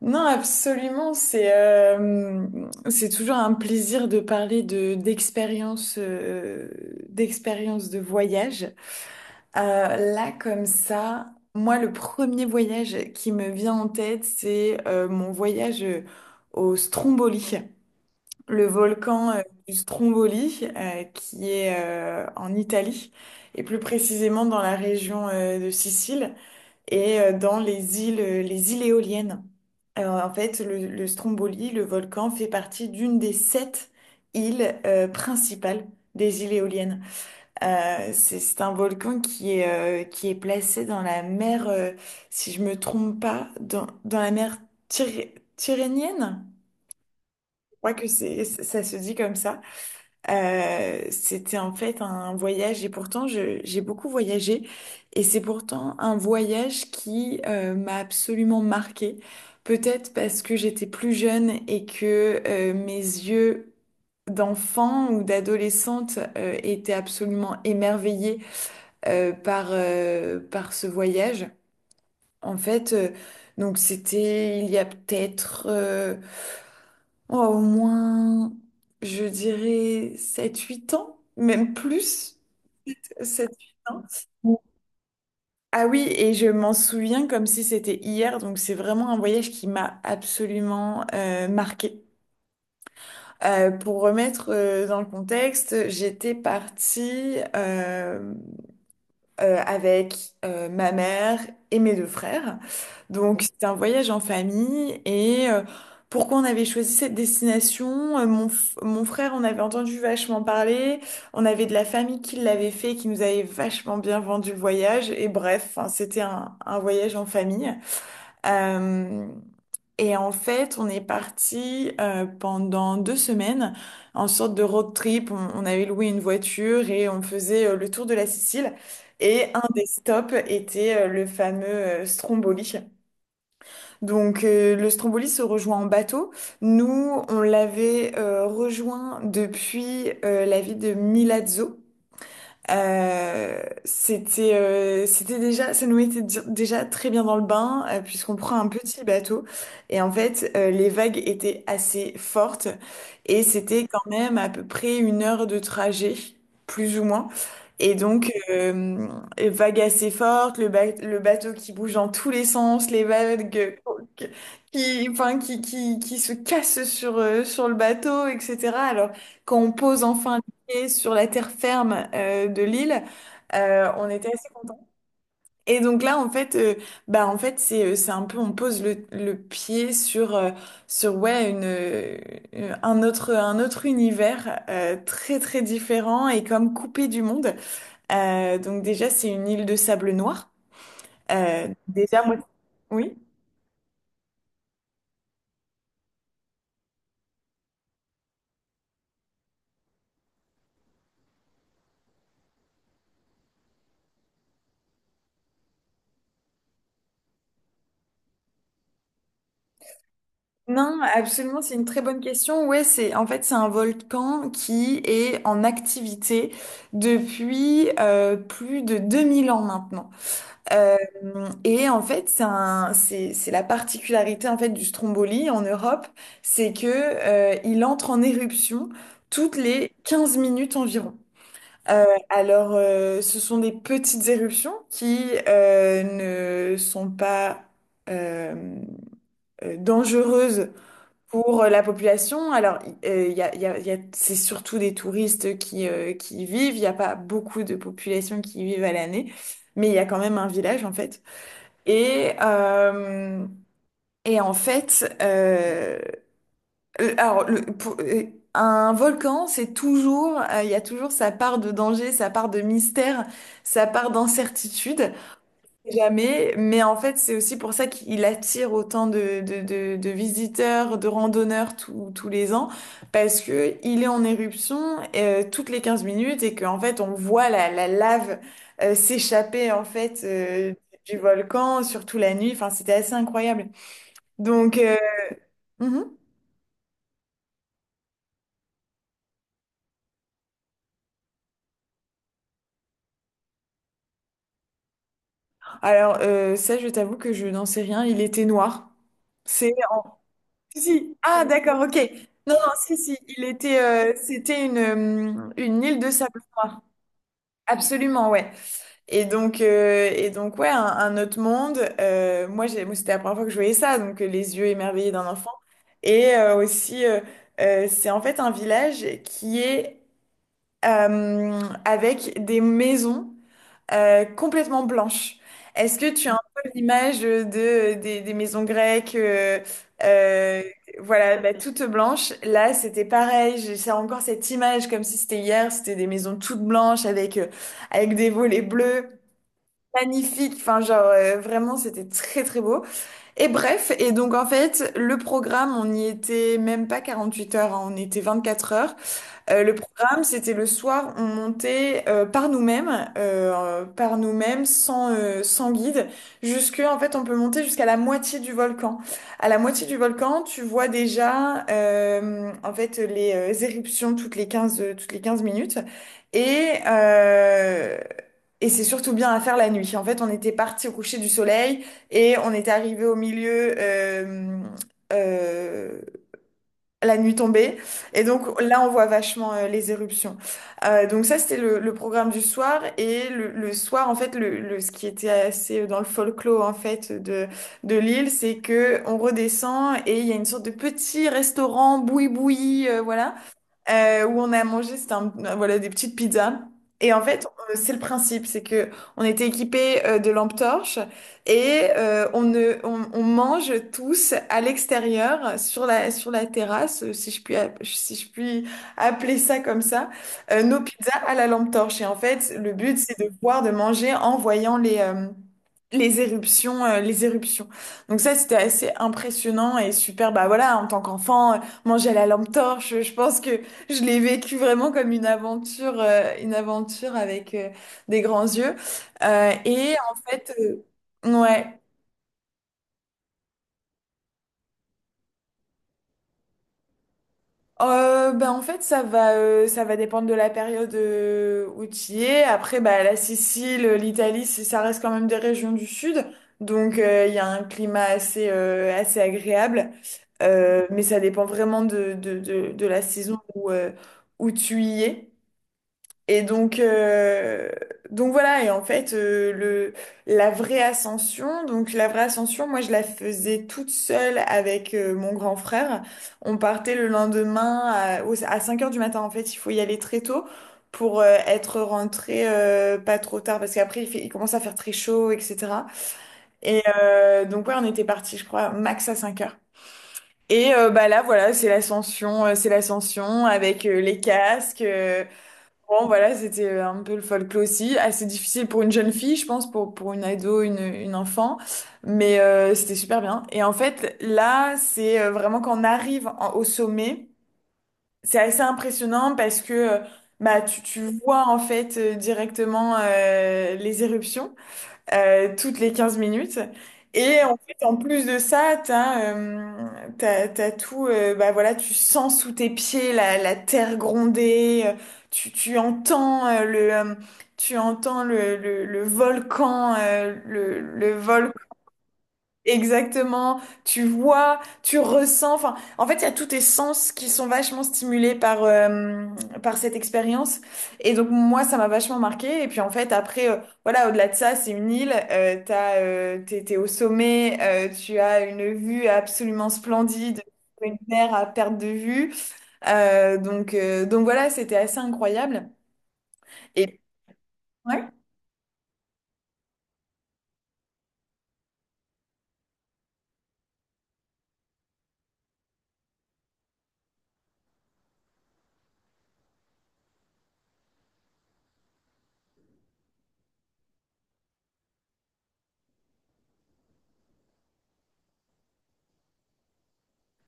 Non, absolument. C'est toujours un plaisir de parler de d'expériences d'expériences de voyage. Là, comme ça, moi, le premier voyage qui me vient en tête, c'est mon voyage au Stromboli, le volcan du Stromboli, qui est en Italie, et plus précisément dans la région de Sicile et dans les îles éoliennes. En fait, le Stromboli, le volcan, fait partie d'une des sept îles principales des îles éoliennes. C'est un volcan qui est placé dans la mer, si je me trompe pas, dans la mer Tyrrhénienne. Je crois que c'est, ça se dit comme ça. C'était en fait un voyage, et pourtant j'ai beaucoup voyagé, et c'est pourtant un voyage qui m'a absolument marquée. Peut-être parce que j'étais plus jeune et que mes yeux d'enfant ou d'adolescente étaient absolument émerveillés par ce voyage. En fait, donc c'était il y a peut-être... oh, au moins, je dirais sept huit ans, même plus, sept huit ans. Ah oui, et je m'en souviens comme si c'était hier, donc c'est vraiment un voyage qui m'a absolument marquée. Pour remettre dans le contexte, j'étais partie avec ma mère et mes deux frères. Donc c'était un voyage en famille et pourquoi on avait choisi cette destination? Mon frère, on avait entendu vachement parler, on avait de la famille qui l'avait fait, qui nous avait vachement bien vendu le voyage, et bref, hein, c'était un voyage en famille. Euh, et en fait, on est parti pendant 2 semaines en sorte de road trip. On avait loué une voiture et on faisait le tour de la Sicile. Et un des stops était le fameux Stromboli. Donc le Stromboli se rejoint en bateau. Nous, on l'avait rejoint depuis la ville de Milazzo. C'était déjà, ça nous mettait déjà très bien dans le bain, puisqu'on prend un petit bateau et en fait les vagues étaient assez fortes, et c'était quand même à peu près une heure de trajet, plus ou moins. Et donc vagues assez fortes, le bateau qui bouge dans tous les sens, les vagues qui, enfin, qui se cassent sur le bateau, etc. Alors quand on pose enfin et sur la terre ferme de l'île, on était assez contents. Et donc là, en fait, bah en fait, c'est un peu, on pose le pied sur sur ouais, une un autre univers très très différent et comme coupé du monde. Donc déjà, c'est une île de sable noir. Déjà, moi, oui. Non, absolument, c'est une très bonne question. Ouais, c'est en fait, c'est un volcan qui est en activité depuis plus de 2000 ans maintenant. Euh, et en fait, c'est un c'est la particularité en fait du Stromboli en Europe, c'est que il entre en éruption toutes les 15 minutes environ. Euh, alors, ce sont des petites éruptions qui ne sont pas euh, dangereuses pour la population. Alors il y a, il y a- il y a- c'est surtout des touristes qui y vivent. Il n'y a pas beaucoup de population qui y vivent à l'année, mais il y a quand même un village en fait. Et, euh, et en fait, le- alors le- pour- euh, un volcan, c'est toujours, il y a toujours sa part de danger, sa part de mystère, sa part d'incertitude. Jamais, mais en fait, c'est aussi pour ça qu'il attire autant de visiteurs, de randonneurs tous les ans, parce que il est en éruption toutes les 15 minutes et qu'en fait, on voit la lave s'échapper en fait du volcan, surtout la nuit. Enfin, c'était assez incroyable. Donc, mhm. Alors, ça, je t'avoue que je n'en sais rien. Il était noir. C'est Si, si. Ah, d'accord, ok. Non, non, si, si. Il était, une île de sable noir. Absolument, ouais. Et donc, ouais, un autre monde. Moi, c'était la première fois que je voyais ça, donc les yeux émerveillés d'un enfant. Et aussi, c'est en fait un village qui est avec des maisons complètement blanche. Est-ce que tu as un peu l'image des maisons grecques, euh, voilà, bah, toutes blanches? Là, c'était pareil. J'ai encore cette image comme si c'était hier. C'était des maisons toutes blanches avec des volets bleus. Magnifique, enfin, genre, vraiment c'était très très beau. Et bref, et donc en fait, le programme, on n'y était même pas 48 heures, hein, on était 24 heures. Le programme, c'était le soir, on montait par nous-mêmes, sans guide, jusque, en fait, on peut monter jusqu'à la moitié du volcan. À la moitié du volcan, tu vois déjà, en fait, les éruptions toutes les 15 minutes. Et, euh, et c'est surtout bien à faire la nuit. En fait, on était parti au coucher du soleil et on était arrivé au milieu, euh, la nuit tombée. Et donc là, on voit vachement les éruptions. Donc ça, c'était le programme du soir. Et le soir, en fait, ce qui était assez dans le folklore, en fait, de l'île, c'est que on redescend et il y a une sorte de petit restaurant boui-boui, voilà, où on a mangé, c'était voilà, des petites pizzas. Et en fait, c'est le principe, c'est que on était équipés de lampes torches, et on, ne, on mange tous à l'extérieur sur la terrasse, si je puis, si je puis appeler ça comme ça, nos pizzas à la lampe torche. Et en fait, le but, c'est de voir, de manger en voyant les éruptions. Donc ça, c'était assez impressionnant et super. Bah voilà, en tant qu'enfant, manger à la lampe torche, je pense que je l'ai vécu vraiment comme une aventure avec des grands yeux. Et en fait, ouais. Ben en fait, ça va dépendre de la période où tu y es. Après, bah, la Sicile, l'Italie, ça reste quand même des régions du sud. Donc, il y a un climat assez agréable. Mais ça dépend vraiment de la saison où tu y es. Et donc voilà, et en fait, la vraie ascension, donc la vraie ascension, moi je la faisais toute seule avec mon grand frère. On partait le lendemain à 5 heures du matin, en fait, il faut y aller très tôt pour être rentré pas trop tard, parce qu'après il commence à faire très chaud, etc. Et donc ouais, on était parti, je crois, max à 5 heures. Et bah là, voilà, c'est l'ascension avec les casques. Bon, voilà, c'était un peu le folklore aussi. Assez difficile pour une jeune fille, je pense, pour une ado, une enfant. Mais c'était super bien. Et en fait, là, c'est vraiment quand on arrive au sommet, c'est assez impressionnant parce que bah, tu vois en fait directement les éruptions toutes les 15 minutes. Et en fait, en plus de ça, t'as tout, bah voilà, tu sens sous tes pieds la terre gronder, tu entends le volcan, le volcan. Exactement, tu vois, tu ressens, enfin, en fait, il y a tous tes sens qui sont vachement stimulés par cette expérience. Et donc, moi, ça m'a vachement marqué. Et puis, en fait, après, voilà, au-delà de ça, c'est une île, t'es au sommet, tu as une vue absolument splendide, une mer à perte de vue. Donc voilà, c'était assez incroyable. Et, ouais.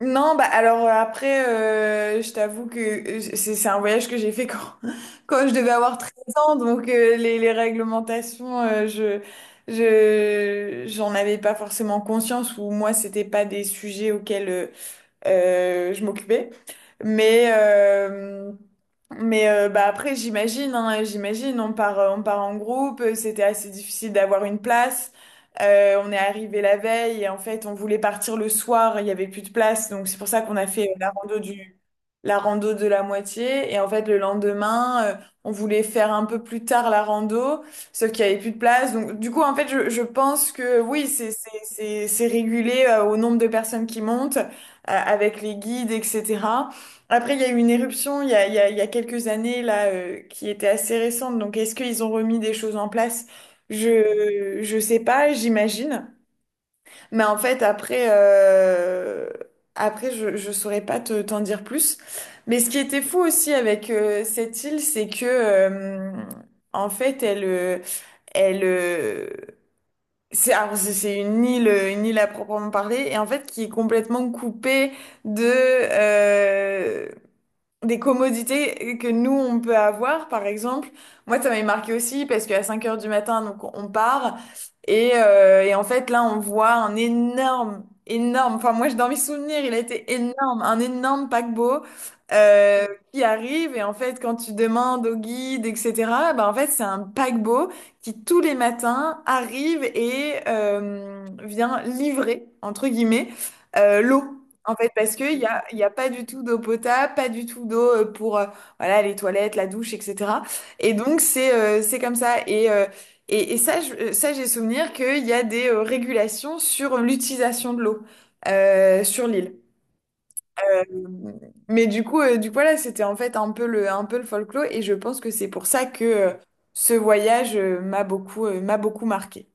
Non, bah alors après, je t'avoue que c'est un voyage que j'ai fait quand, quand je devais avoir 13 ans, donc les réglementations, j'en avais pas forcément conscience, ou moi, c'était pas des sujets auxquels je m'occupais. Mais, euh, mais, bah après, j'imagine, hein, j'imagine, on part en groupe, c'était assez difficile d'avoir une place. On est arrivé la veille et en fait, on voulait partir le soir, il y avait plus de place, donc c'est pour ça qu'on a fait la rando de la moitié. Et en fait, le lendemain, on voulait faire un peu plus tard la rando, sauf qu'il n'y avait plus de place. Donc du coup, en fait, je pense que oui, c'est régulé, au nombre de personnes qui montent, avec les guides, etc. Après, il y a eu une éruption il y a, il y a, il y a quelques années là, qui était assez récente. Donc, est-ce qu'ils ont remis des choses en place? Je sais pas, j'imagine. Mais en fait, après, je saurais pas te t'en dire plus. Mais ce qui était fou aussi avec cette île, c'est que en fait, elle elle c'est alors, c'est une île, à proprement parler, et en fait qui est complètement coupée de des commodités que nous, on peut avoir, par exemple. Moi, ça m'avait marqué aussi parce qu'à 5 heures du matin, donc on part. Et, et, en fait, là, on voit un énorme, énorme, enfin moi, dans mes souvenirs, il a été énorme, un énorme paquebot euh, qui arrive. Et en fait, quand tu demandes au guide, etc., ben, en fait, c'est un paquebot qui, tous les matins, arrive et vient livrer, entre guillemets, l'eau. En fait, parce qu'il n'y a, y a pas du tout d'eau potable, pas du tout d'eau pour voilà, les toilettes, la douche, etc. Et donc, c'est comme ça. Et ça, j'ai souvenir qu'il y a des régulations sur l'utilisation de l'eau sur l'île. Euh, mais du coup, voilà, c'était en fait un peu le folklore. Et je pense que c'est pour ça que ce voyage m'a beaucoup marqué.